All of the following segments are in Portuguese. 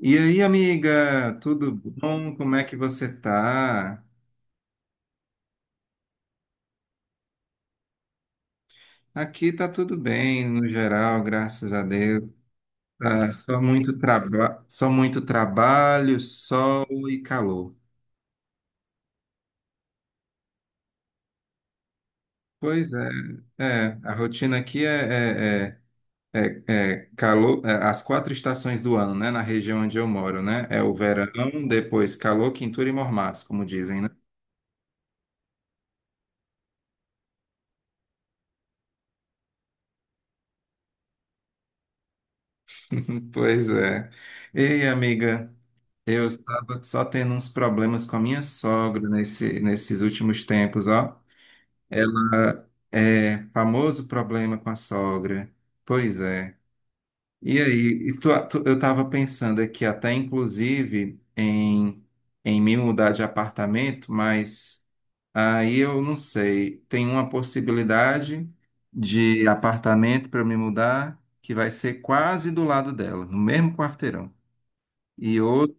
E aí, amiga, tudo bom? Como é que você tá? Aqui tá tudo bem, no geral, graças a Deus. Tá só muito trabalho, sol e calor. Pois é, a rotina aqui é, é calor, é, as quatro estações do ano, né? Na região onde eu moro, né? É o verão, depois calor, quintura e mormaço, como dizem, né? Pois é. Ei, amiga, eu estava só tendo uns problemas com a minha sogra nesses últimos tempos, ó. Ela é famoso problema com a sogra. Pois é. E aí, eu estava pensando aqui até inclusive em me mudar de apartamento, mas aí eu não sei. Tem uma possibilidade de apartamento para eu me mudar que vai ser quase do lado dela, no mesmo quarteirão, e outro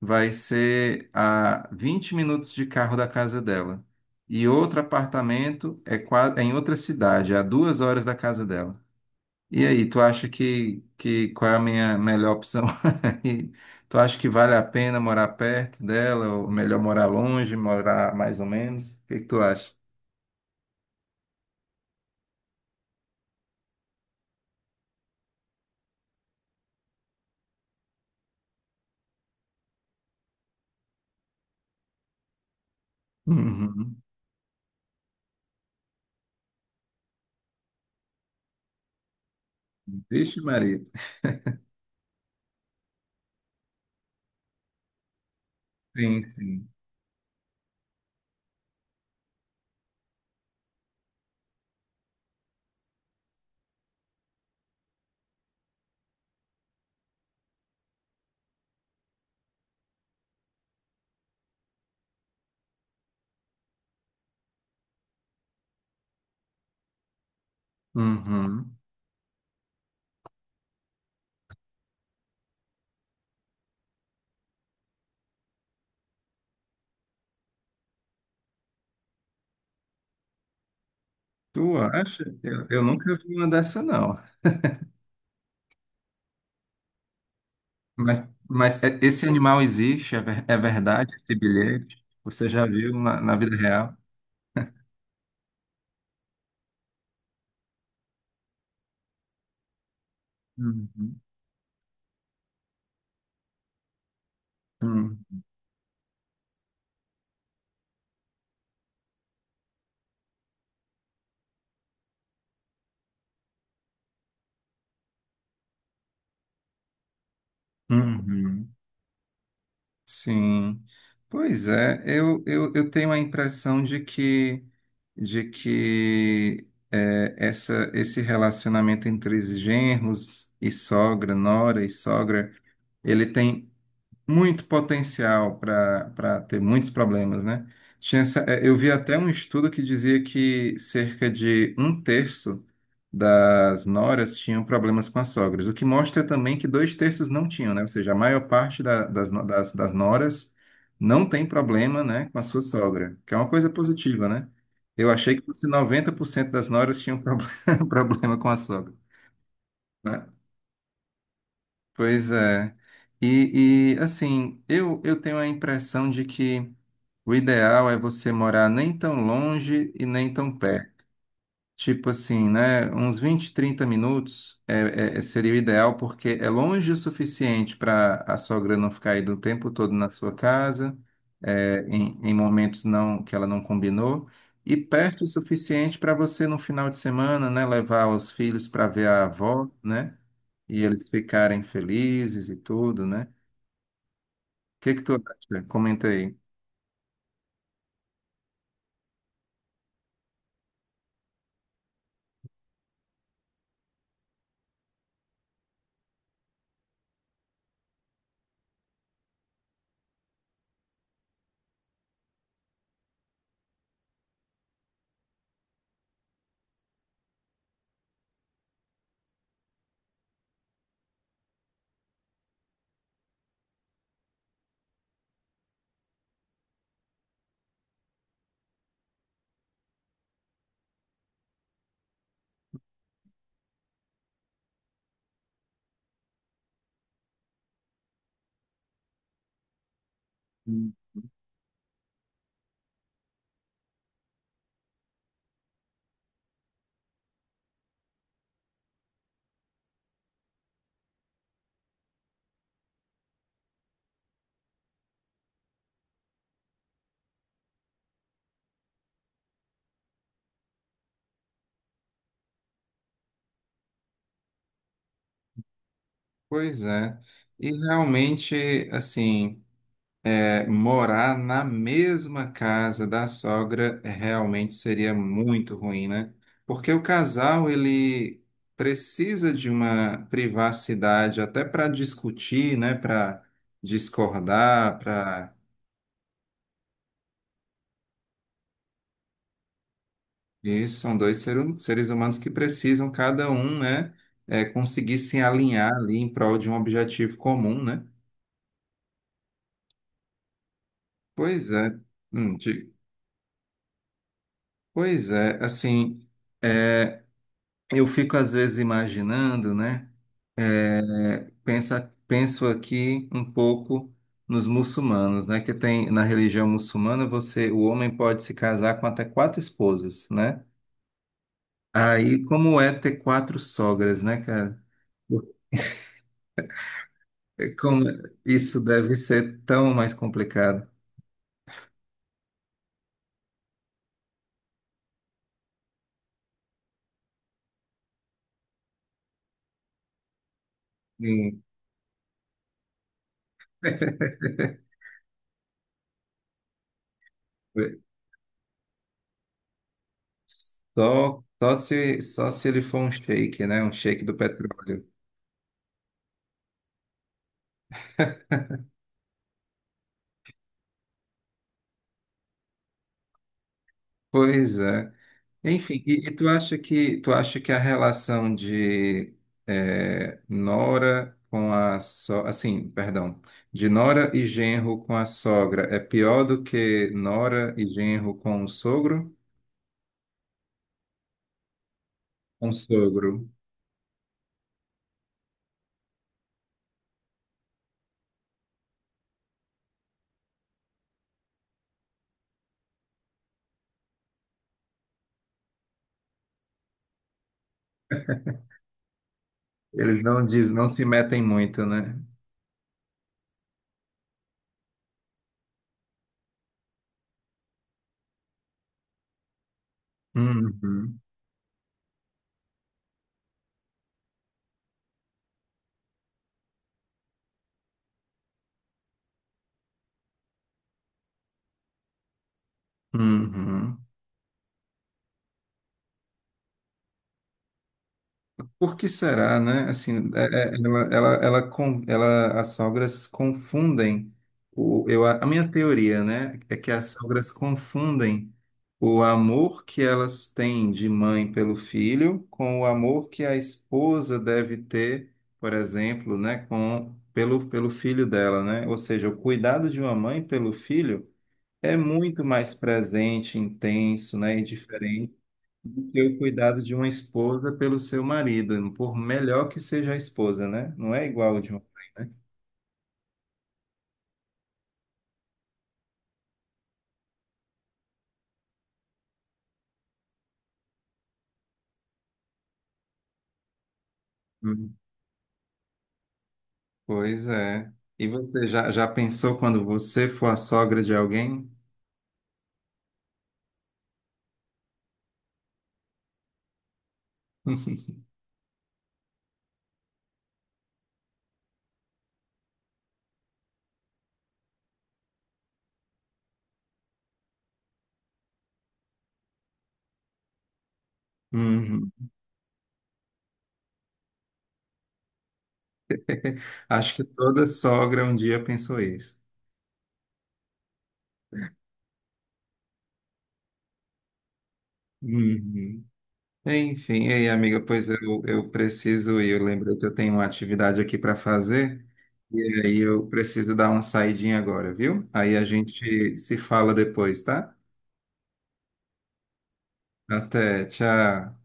vai ser a 20 minutos de carro da casa dela. E outro apartamento é em outra cidade, a 2 horas da casa dela. E aí, tu acha que, qual é a minha melhor opção? E tu acha que vale a pena morar perto dela, ou melhor morar longe, morar mais ou menos? O que que tu acha? Uhum. Vixe, Maria. Sim, sim. Uhum. Tu acha? Eu nunca vi uma dessa, não. Mas esse animal existe, é verdade, esse bilhete. Você já viu na vida real? Uhum. Hum. Uhum. Sim. Pois é, eu tenho a impressão de que, de que esse relacionamento entre os genros e sogra, nora e sogra, ele tem muito potencial para ter muitos problemas, né? Eu vi até um estudo que dizia que cerca de um terço das noras tinham problemas com as sogras, o que mostra também que dois terços não tinham, né? Ou seja, a maior parte da- das, no- das, das noras não tem problema, né, com a sua sogra, que é uma coisa positiva, né? Eu achei que fosse 90% das noras tinham problema, problema com a sogra, né? Pois é. E, assim, eu tenho a impressão de que o ideal é você morar nem tão longe e nem tão perto. Tipo assim, né? Uns 20 30 minutos seria o ideal, porque é longe o suficiente para a sogra não ficar aí do tempo todo na sua casa, em momentos não que ela não combinou, e perto o suficiente para você, no final de semana, né, levar os filhos para ver a avó, né? E eles ficarem felizes e tudo, né? O que que tu acha? Comenta aí. Hum. Pois é. E realmente, assim. É, morar na mesma casa da sogra realmente seria muito ruim, né? Porque o casal ele precisa de uma privacidade até para discutir, né? Para discordar, para isso são dois seres humanos que precisam cada um, né? Conseguir se alinhar ali em prol de um objetivo comum, né? Pois é. Hum. Pois é, assim. é, eu fico às vezes imaginando, né? É, penso aqui um pouco nos muçulmanos, né? Que tem na religião muçulmana você, o homem pode se casar com até quatro esposas, né? Aí como é ter quatro sogras, né, cara? Como isso deve ser tão mais complicado. Sim. Só se ele for um sheik, né? Um sheik do petróleo. Pois é. Enfim, e tu acha que a relação de eh, Nora com a so, assim, perdão, de Nora e genro com a sogra é pior do que Nora e genro com o sogro? Com o sogro. Eles não se metem muito, né? Uhum, uhum. Por que será, né? Assim, as sogras confundem eu, a minha teoria, né, é que as sogras confundem o amor que elas têm de mãe pelo filho com o amor que a esposa deve ter, por exemplo, né, pelo filho dela, né? Ou seja, o cuidado de uma mãe pelo filho é muito mais presente, intenso, né, e diferente do que o cuidado de uma esposa pelo seu marido, por melhor que seja a esposa, né? Não é igual o de uma. Hum. Pois é. E você já pensou quando você for a sogra de alguém? Uhum. Acho que toda sogra um dia pensou isso. Uhum. Enfim, e aí, amiga, pois eu preciso ir. Eu lembrei que eu tenho uma atividade aqui para fazer. E aí eu preciso dar uma saidinha agora, viu? Aí a gente se fala depois, tá? Até, tchau.